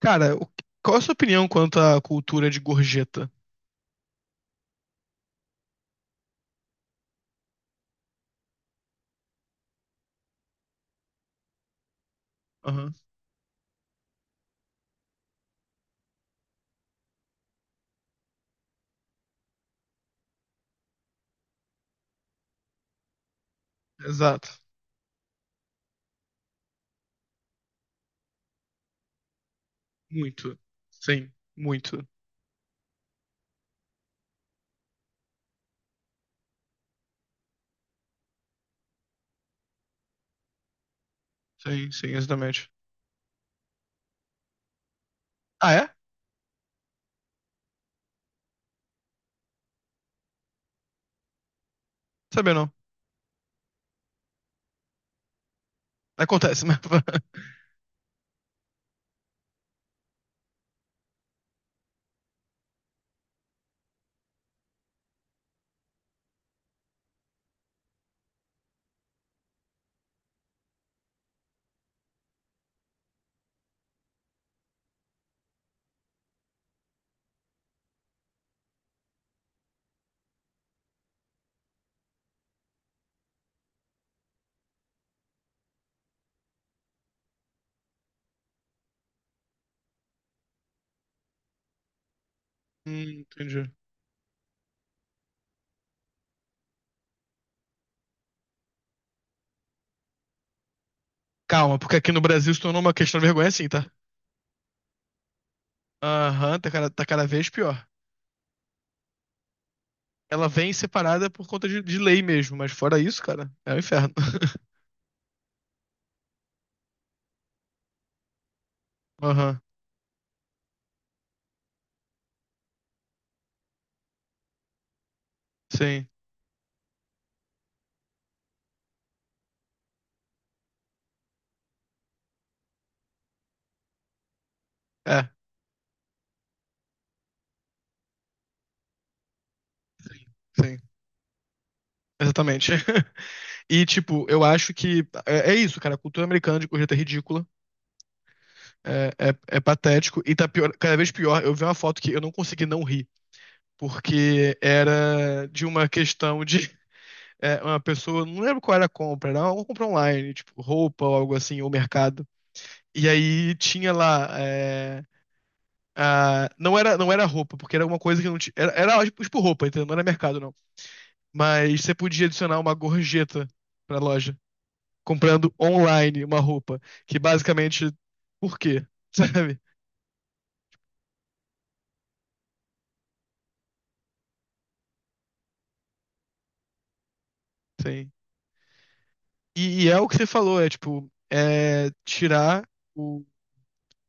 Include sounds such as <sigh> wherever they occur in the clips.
Cara, qual é a sua opinião quanto à cultura de gorjeta? Aham, exato. Muito. Sim, muito. Sim, sim, exatamente. Ah, é? Sabia não. Acontece, né? <laughs> Entendi. Calma, porque aqui no Brasil se tornou uma questão de vergonha assim, tá? Aham, tá cada vez pior. Ela vem separada por conta de lei mesmo, mas fora isso, cara, é o inferno. <laughs> Aham, sim. É, sim. Exatamente. <laughs> E, tipo, eu acho que é isso, cara. A cultura americana de gorjeta é ridícula. É patético e tá pior, cada vez pior. Eu vi uma foto que eu não consegui não rir, porque era de uma questão de uma pessoa, não lembro qual era a compra, era uma compra online, tipo roupa ou algo assim, ou mercado. E aí tinha lá, não era, roupa, porque era uma coisa que não tinha, era tipo roupa, entendeu? Não era mercado não. Mas você podia adicionar uma gorjeta pra loja, comprando online uma roupa, que basicamente, por quê? <laughs> Sabe? Sim. E é o que você falou, é tipo, é tirar o,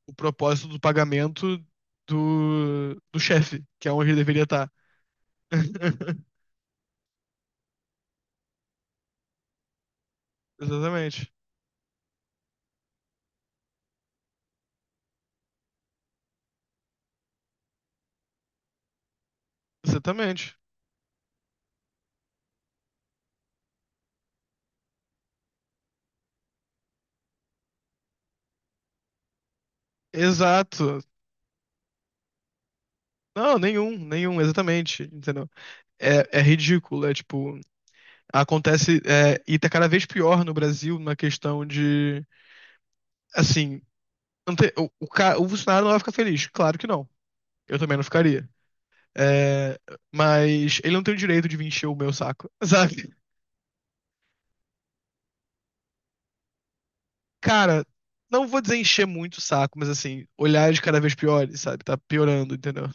o propósito do pagamento do chefe, que é onde ele deveria estar. <laughs> Exatamente. Exatamente. Exato. Não, nenhum, nenhum, exatamente, entendeu? É ridículo, é tipo, acontece, e tá cada vez pior no Brasil na questão de, assim, não tem- o, ca- o funcionário não vai ficar feliz, claro que não, eu também não ficaria. É, mas ele não tem o direito de vir encher o meu saco, <laughs> sabe? Cara, não vou dizer encher muito o saco, mas assim, olhares cada vez piores, sabe? Tá piorando, entendeu?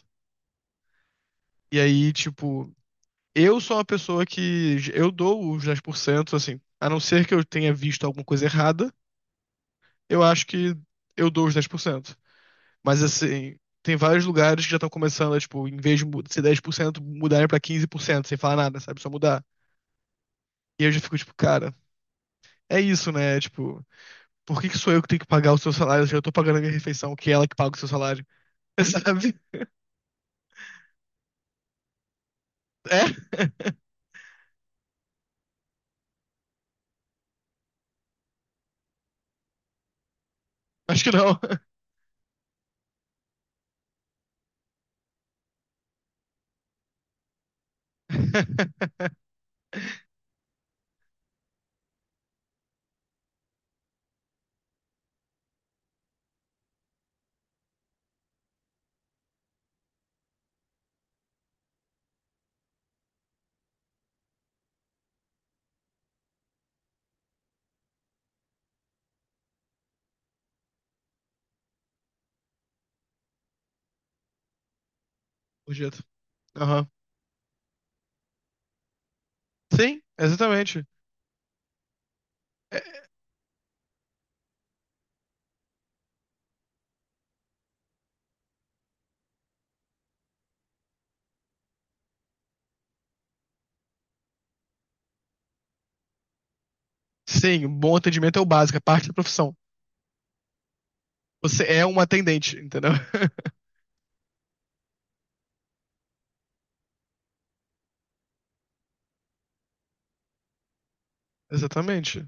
E aí, tipo, eu sou uma pessoa que eu dou os 10%, assim, a não ser que eu tenha visto alguma coisa errada, eu acho que eu dou os 10%. Mas assim, tem vários lugares que já estão começando a, tipo, em vez de ser 10%, mudarem pra 15%, sem falar nada, sabe? Só mudar. E eu já fico, tipo, cara, é isso, né? Tipo, por que que sou eu que tenho que pagar o seu salário? Eu já tô pagando a minha refeição, que é ela que paga o seu salário, <laughs> sabe? É. Acho que não. <laughs> Nojento. Aham. Sim, exatamente. É, sim, um bom atendimento é o básico, é parte da profissão. Você é um atendente, entendeu? <laughs> Exatamente.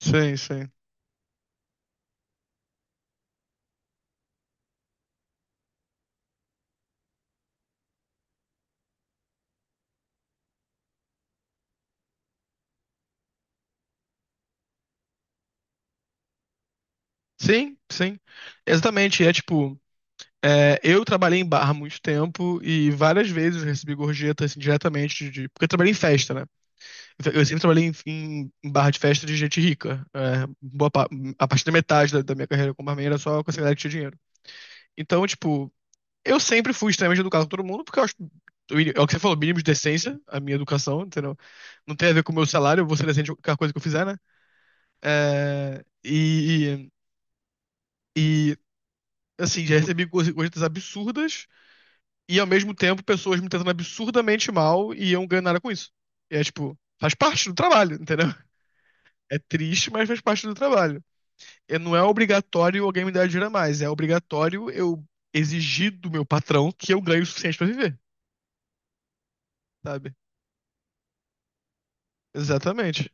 Sim, sim. Sim, sim. Exatamente. É tipo, eu trabalhei em bar há muito tempo e várias vezes eu recebi gorjeta assim, diretamente porque eu trabalhei em festa, né? Eu sempre trabalhei em barra de festa de gente rica. A partir da metade da minha carreira como barman era só com essa galera que tinha dinheiro. Então, tipo, eu sempre fui extremamente educado com todo mundo, porque eu acho. É o que você falou, mínimo de decência, a minha educação, entendeu? Não tem a ver com o meu salário, eu vou ser decente com qualquer coisa que eu fizer, né? É, e, e, e, assim, já recebi coisas absurdas e, ao mesmo tempo, pessoas me tratando absurdamente mal e eu não ganho nada com isso. E é tipo, faz parte do trabalho, entendeu? É triste, mas faz parte do trabalho. E não é obrigatório alguém me dar dinheiro a mais, é obrigatório eu exigir do meu patrão que eu ganhe o suficiente pra viver, sabe? Exatamente.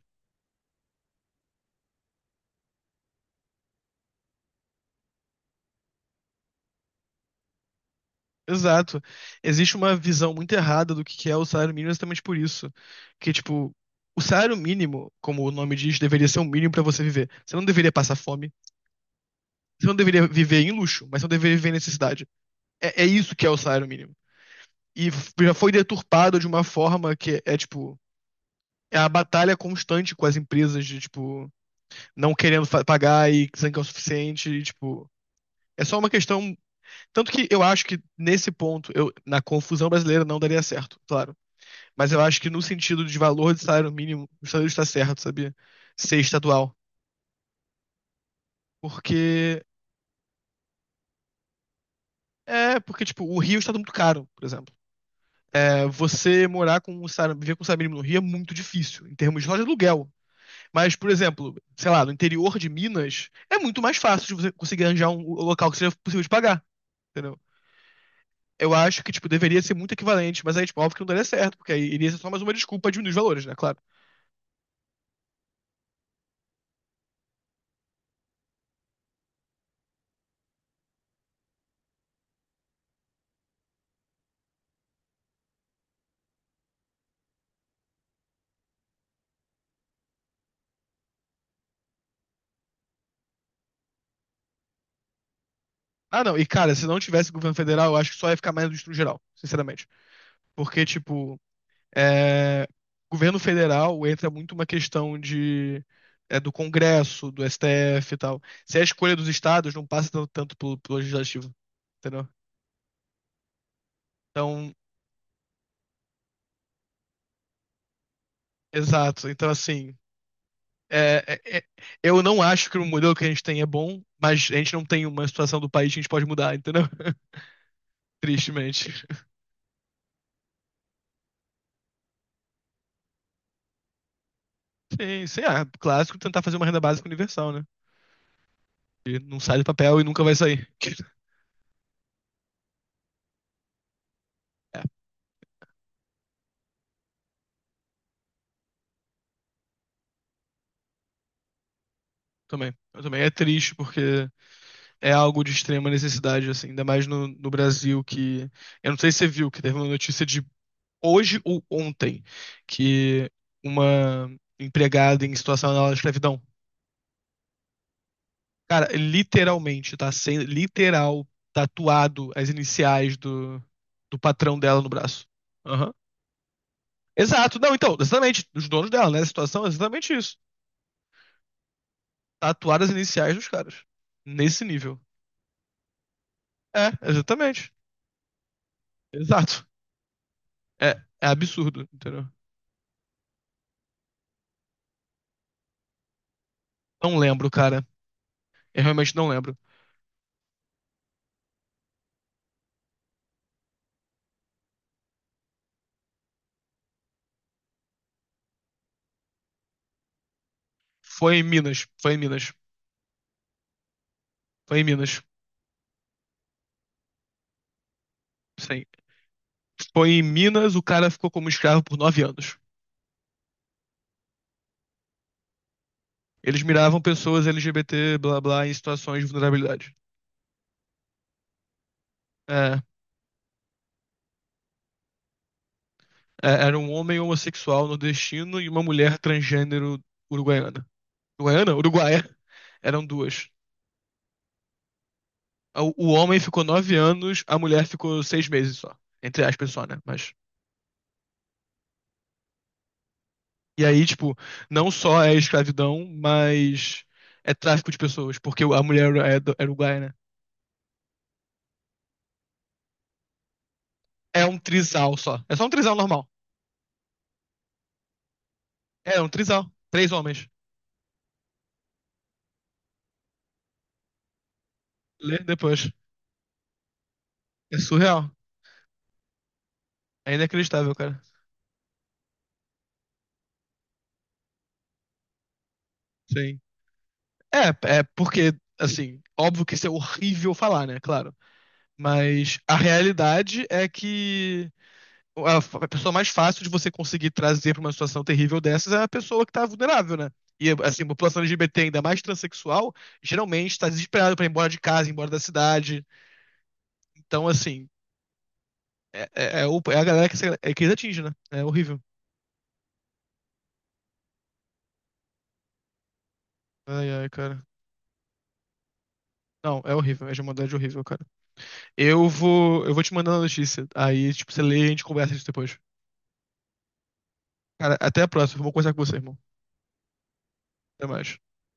Exato. Existe uma visão muito errada do que é o salário mínimo exatamente por isso. Que, tipo, o salário mínimo, como o nome diz, deveria ser o mínimo pra você viver. Você não deveria passar fome, você não deveria viver em luxo, mas você não deveria viver em necessidade. É, é isso que é o salário mínimo. E já foi deturpado de uma forma que é, tipo, é a batalha constante com as empresas de, tipo, não querendo pagar e dizendo que é o suficiente, e, tipo. É só uma questão. Tanto que eu acho que nesse ponto, eu, na confusão brasileira, não daria certo, claro. Mas eu acho que no sentido de valor de salário mínimo, o Estados está certo, sabia? Ser estadual. Porque. É, porque, tipo, o Rio está muito caro, por exemplo. É, você morar com um salário, viver com um salário mínimo no Rio é muito difícil, em termos de loja de aluguel. Mas, por exemplo, sei lá, no interior de Minas, é muito mais fácil de você conseguir arranjar um local que seja possível de pagar, entendeu? Eu acho que, tipo, deveria ser muito equivalente, mas aí, tipo, óbvio que não daria certo, porque aí iria ser só mais uma desculpa de diminuir os valores, né? Claro. Ah, não, e cara, se não tivesse governo federal, eu acho que só ia ficar mais justo no geral, sinceramente. Porque, tipo, é, governo federal entra muito uma questão de do Congresso, do STF e tal. Se é a escolha dos estados, não passa tanto pelo, pelo legislativo, entendeu? Então, exato. Então, assim, é, é, é- eu não acho que o modelo que a gente tem é bom, mas a gente não tem uma situação do país que a gente pode mudar, entendeu? <laughs> Tristemente. Sim, sei lá, clássico tentar fazer uma renda básica universal, né? Que não sai do papel e nunca vai sair. <laughs> É, também. Eu também é triste porque é algo de extrema necessidade, assim, ainda mais no, no Brasil, que. Eu não sei se você viu, que teve uma notícia de hoje ou ontem, que uma empregada em situação análoga de escravidão, cara, literalmente, tá sendo, literal, tatuado as iniciais do, do patrão dela no braço. Aham. Exato, não, então, exatamente, os donos dela, nessa situação é exatamente isso. Tatuar as iniciais dos caras. Nesse nível. É, exatamente. Exato. É, é absurdo, entendeu? Não lembro, cara. Eu realmente não lembro. Foi em Minas, foi em Minas, foi em Minas. Sim. Foi em Minas, o cara ficou como escravo por 9 anos. Eles miravam pessoas LGBT, blá blá, em situações de vulnerabilidade. É, era um homem homossexual nordestino e uma mulher transgênero uruguaiana. Uruguaiana? Uruguaia. Eram duas. O homem ficou 9 anos, a mulher ficou 6 meses só. Entre aspas só, né? Mas. E aí, tipo, não só é escravidão, mas é tráfico de pessoas, porque a mulher é uruguaia, né? É um trisal só. É só um trisal normal. É um trisal. Três homens. Lê depois. É surreal. É inacreditável, cara. Sim. Porque, assim, óbvio que isso é horrível falar, né? Claro. Mas a realidade é que a pessoa mais fácil de você conseguir trazer para uma situação terrível dessas é a pessoa que está vulnerável, né? E assim, a população LGBT, ainda mais transexual, geralmente está desesperada para ir embora de casa, ir embora da cidade. Então, assim, é a galera que é que eles atingem, né? É horrível. Ai, ai, cara. Não, é horrível. É de maldade horrível, cara. Eu vou te mandando a notícia. Aí, tipo, você lê e a gente conversa isso depois. Cara, até a próxima. Vou conversar com você, irmão. Até mais.